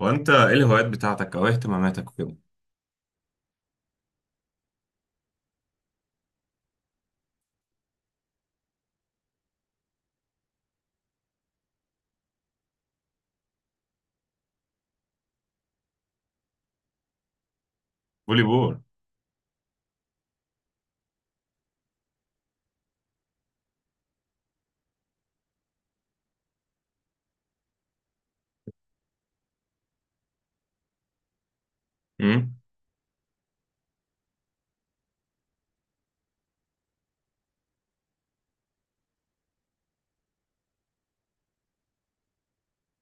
وانت ايه الهوايات بتاعتك او إيه اهتماماتك وكده؟ فولي بول. امم.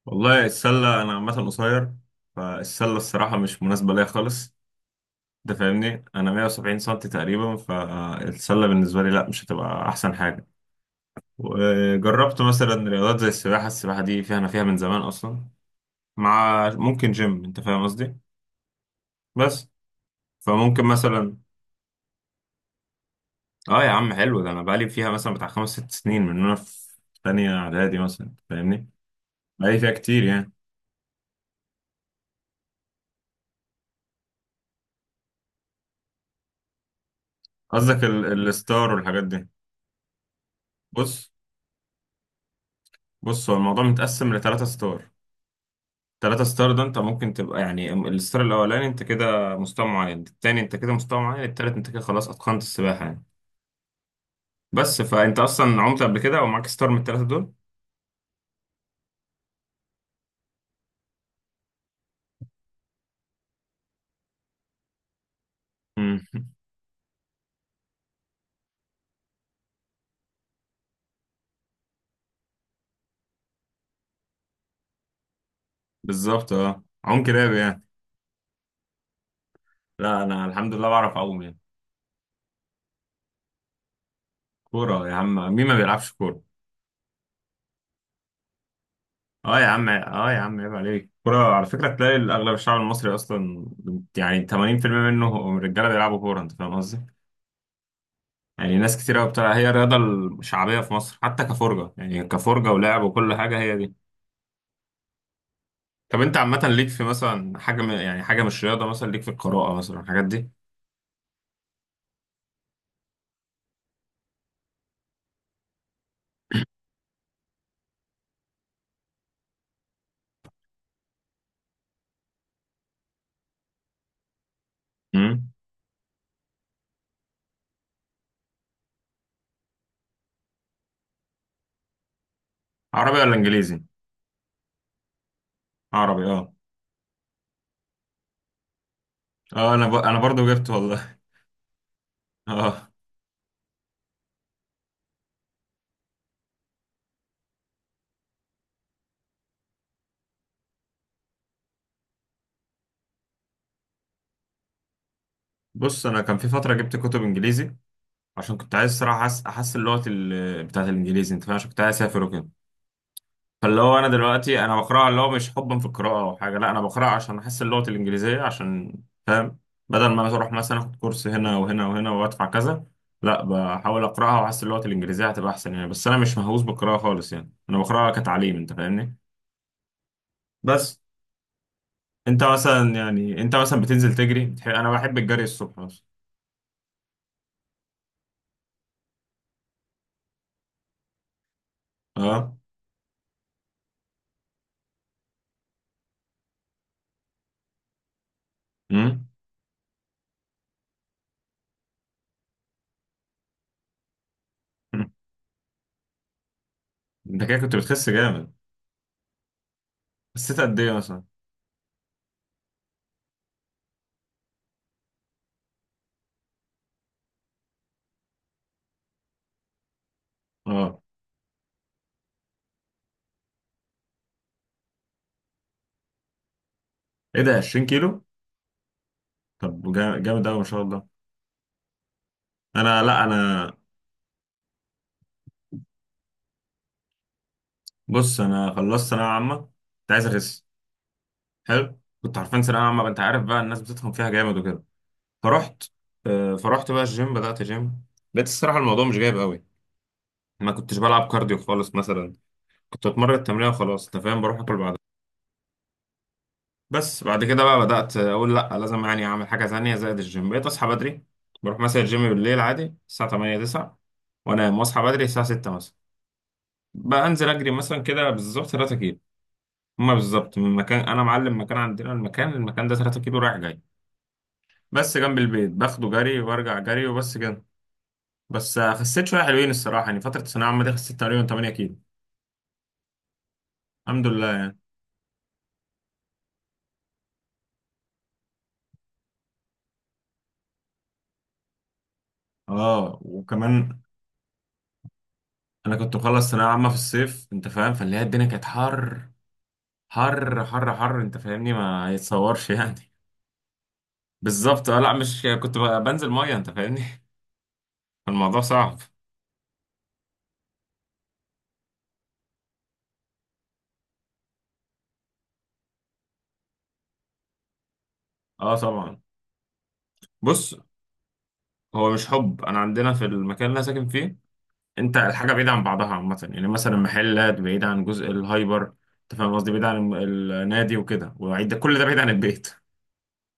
والله، السله انا عامه قصير. فالسله الصراحه مش مناسبه ليا خالص. ده فاهمني، انا 170 سم تقريبا، فالسله بالنسبه لي لا، مش هتبقى احسن حاجه. وجربت مثلا رياضات زي السباحه. السباحه دي فيها، انا فيها من زمان اصلا، مع ممكن جيم، انت فاهم قصدي. بس. فممكن مثلا. اه يا عم، حلو ده، انا بقالي فيها مثلا بتاع خمس ست سنين، من وانا في تانية اعدادي مثلا، أنت فاهمني. بقالي فيها كتير يعني. قصدك الستار والحاجات دي؟ بص. بص، هو الموضوع متقسم لثلاثة ستار. ثلاثة ستار ده، انت ممكن تبقى يعني الستار الاولاني انت كده مستوى معين، التاني انت كده مستوى معين، التالت انت كده خلاص اتقنت السباحة يعني. بس فانت اصلا عمت قبل كده، او معاك ستار من الثلاثة دول؟ مم. بالظبط. اه، عم كلاب يعني. لا، انا الحمد لله بعرف اعوم يعني. كورة يا عم! مين ما بيلعبش كورة؟ اه يا عم، اه يا عم، عيب عليك. كورة على فكرة تلاقي اغلب الشعب المصري اصلا، يعني 80% منه هم رجالة بيلعبوا كورة، انت فاهم قصدي. يعني ناس كتير قوي بتاع، هي الرياضة الشعبية في مصر حتى كفرجة، يعني كفرجة ولعب وكل حاجة، هي دي. طب انت عامة ليك في مثلا حاجة يعني حاجة مش رياضة، مثلا ليك في القراءة مثلا الحاجات دي؟ امم. عربي ولا انجليزي؟ عربي، اه. اه، انا برضو جبت والله. اه. بص، انا كان في فترة جبت كتب انجليزي، عشان كنت عايز صراحة احسن لغة بتاعت الانجليزي انت فاهم، عشان كنت عايز اسافر وكده. فاللي هو دلوقتي انا بقراها، اللي هو مش حبا في القراءه او حاجه، لا انا بقراها عشان احس اللغه الانجليزيه، عشان فاهم، بدل ما انا اروح مثلا اخد كورس هنا وهنا وهنا وادفع كذا. لا، بحاول اقراها واحس اللغه الانجليزيه هتبقى احسن يعني. بس انا مش مهووس بالقراءه خالص، يعني انا بقراها كتعليم انت فاهمني. بس. انت مثلا بتنزل تجري انا بحب الجري الصبح مثلا. اه. امم. انت كده كنت بتخس جامد. خسيت قد ايه مثلا؟ اه، ايه ده، 20 كيلو؟ طب، جامد قوي ما شاء الله. انا لا انا. بص، انا خلصت ثانويه عامه، كنت عايز اخس. حلو. كنت عارفين ثانويه عامه، انت عارف بقى، الناس بتتخن فيها جامد وكده. فرحت. فرحت بقى الجيم، بدات جيم. لقيت الصراحه الموضوع مش جايب قوي. ما كنتش بلعب كارديو خالص مثلا. كنت اتمرن تمرين وخلاص، انت فاهم، بروح اكل بعدها. بس بعد كده بقى بدات اقول لا لازم يعني اعمل حاجه ثانيه زائد الجيم، بقيت اصحى بدري. بروح مثلا الجيم بالليل عادي الساعه 8 9، وانام واصحى بدري الساعه 6 مثلا. بقى انزل اجري مثلا كده بالظبط 3 كيلو. هما بالظبط من مكان انا معلم مكان عندنا، المكان ده 3 كيلو رايح جاي. بس جنب البيت، باخده جري وارجع جري وبس كده. بس خسيت شويه حلوين الصراحه، يعني فتره الثانويه العامه دي خسيت تقريبا 8 كيلو. الحمد لله يعني. اه، وكمان، انا كنت مخلص ثانويه عامه في الصيف، انت فاهم، فاللي هي الدنيا كانت حر. حر حر حر، انت فاهمني، ما يتصورش يعني. بالظبط، اه، لا مش كنت بنزل ميه انت فاهمني. الموضوع صعب. اه طبعا. بص، هو مش حب، انا عندنا في المكان اللي انا ساكن فيه، انت الحاجه بعيده عن بعضها عامه، يعني مثلا محلات بعيد عن جزء الهايبر. انت فاهم قصدي، بعيد عن النادي وكده وعيد، كل ده بعيد عن البيت.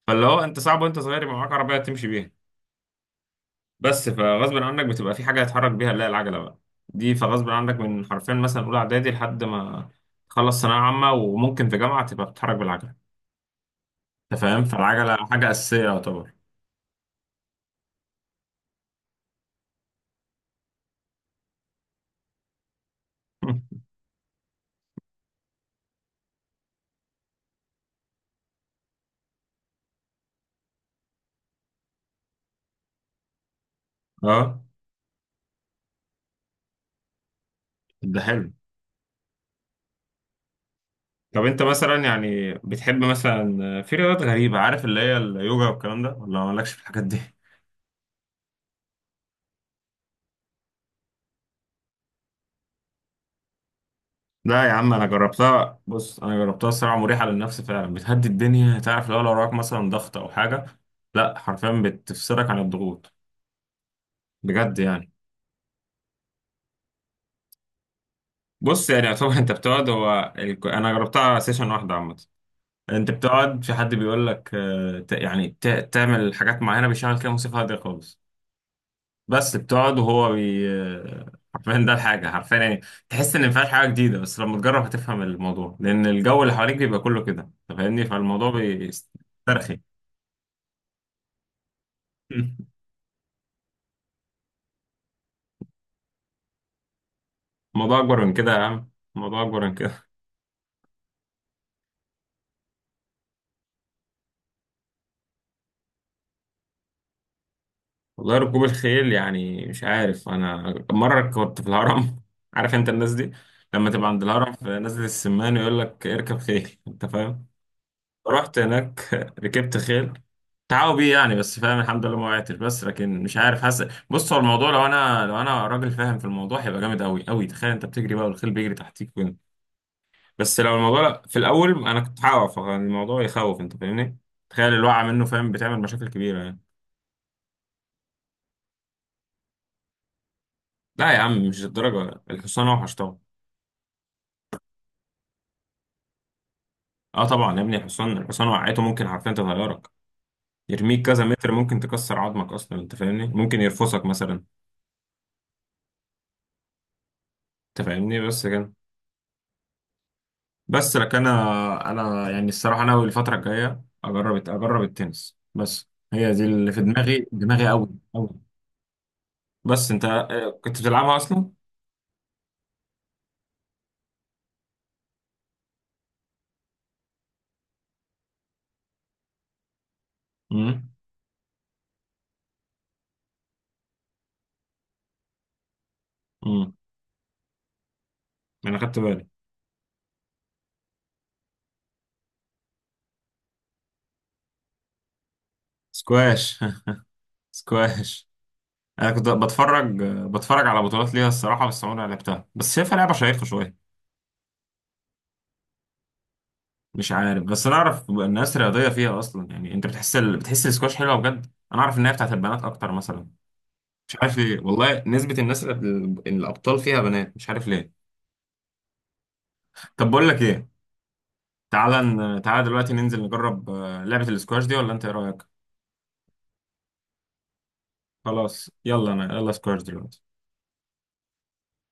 فاللي هو، انت صعب وانت صغير يبقى معاك عربيه تمشي بيها. بس فغصب عنك بتبقى في حاجه تتحرك بيها، لا العجله بقى، دي فغصب عنك من حرفيا مثلا اولى اعدادي لحد ما تخلص ثانويه عامه وممكن في جامعه تبقى بتتحرك بالعجله. انت فاهم، فالعجله حاجه اساسيه يعتبر. اه، ده حلو. طب انت مثلا يعني بتحب مثلا في رياضات غريبة، عارف اللي هي اليوجا والكلام ده، ولا مالكش في الحاجات دي؟ لا يا عم، انا جربتها. بص، انا جربتها الصراحة، مريحة للنفس فعلا، بتهدي الدنيا، تعرف لو وراك مثلا ضغط او حاجة. لا حرفيا، بتفصلك عن الضغوط. بجد يعني. بص يعني طبعا، انت بتقعد، هو انا جربتها سيشن واحدة عامة. انت بتقعد، في حد بيقول لك تعمل حاجات معينة، بيشغل كده موسيقى هادية خالص. بس بتقعد وهو بي. حرفيا ده الحاجة حرفيا يعني. تحس إن مفيهاش حاجة جديدة، بس لما تجرب هتفهم الموضوع، لأن الجو اللي حواليك بيبقى كله كده. أنت فاهمني، فالموضوع بيسترخي. الموضوع أكبر من كده يا عم. الموضوع أكبر من كده. والله، ركوب الخيل يعني مش عارف. أنا مرة كنت في الهرم، عارف أنت الناس دي، لما تبقى عند الهرم في نزلة السمان، يقول لك اركب خيل، أنت فاهم. رحت هناك. ركبت خيل. تعاوي بيه يعني، بس فاهم الحمد لله ما وقعتش. بس لكن مش عارف، حاسس بص هو الموضوع، لو انا راجل فاهم في الموضوع، هيبقى جامد قوي قوي. تخيل انت بتجري بقى والخيل بيجري تحتيك، وين. بس لو الموضوع لا، في الاول انا كنت هقع، فالموضوع يخوف انت فاهمني. تخيل الوقعه منه، فاهم، بتعمل مشاكل كبيره يعني. لا يا عم، مش الدرجه، الحصان اوحش طبعا. اه طبعا يا ابني، الحصان. الحصان وقعته ممكن حرفيا تغيرك، يرميك كذا متر، ممكن تكسر عظمك اصلا انت فاهمني، ممكن يرفسك مثلا. انت فاهمني، بس كده. بس لك، انا يعني الصراحه ناوي الفتره الجايه اجرب التنس، بس هي دي اللي في دماغي قوي. قوي. بس انت كنت بتلعبها اصلا؟ امم. امم. انا خدت بالي. سكواش. سكواش. انا كنت بتفرج على بطولات ليها الصراحه، بس عمري ما لعبتها، بس شايفها لعبه شيقه شويه. مش عارف، بس انا اعرف الناس رياضيه فيها اصلا، يعني انت بتحس بتحس السكواش حلوه بجد. انا اعرف ان هي بتاعت البنات اكتر مثلا. مش عارف ليه والله، نسبه الناس الابطال فيها بنات، مش عارف ليه. طب بقول لك ايه؟ تعالى دلوقتي ننزل نجرب لعبة الاسكواش دي، ولا انت ايه رأيك؟ خلاص، يلا انا، يلا سكواش دلوقتي.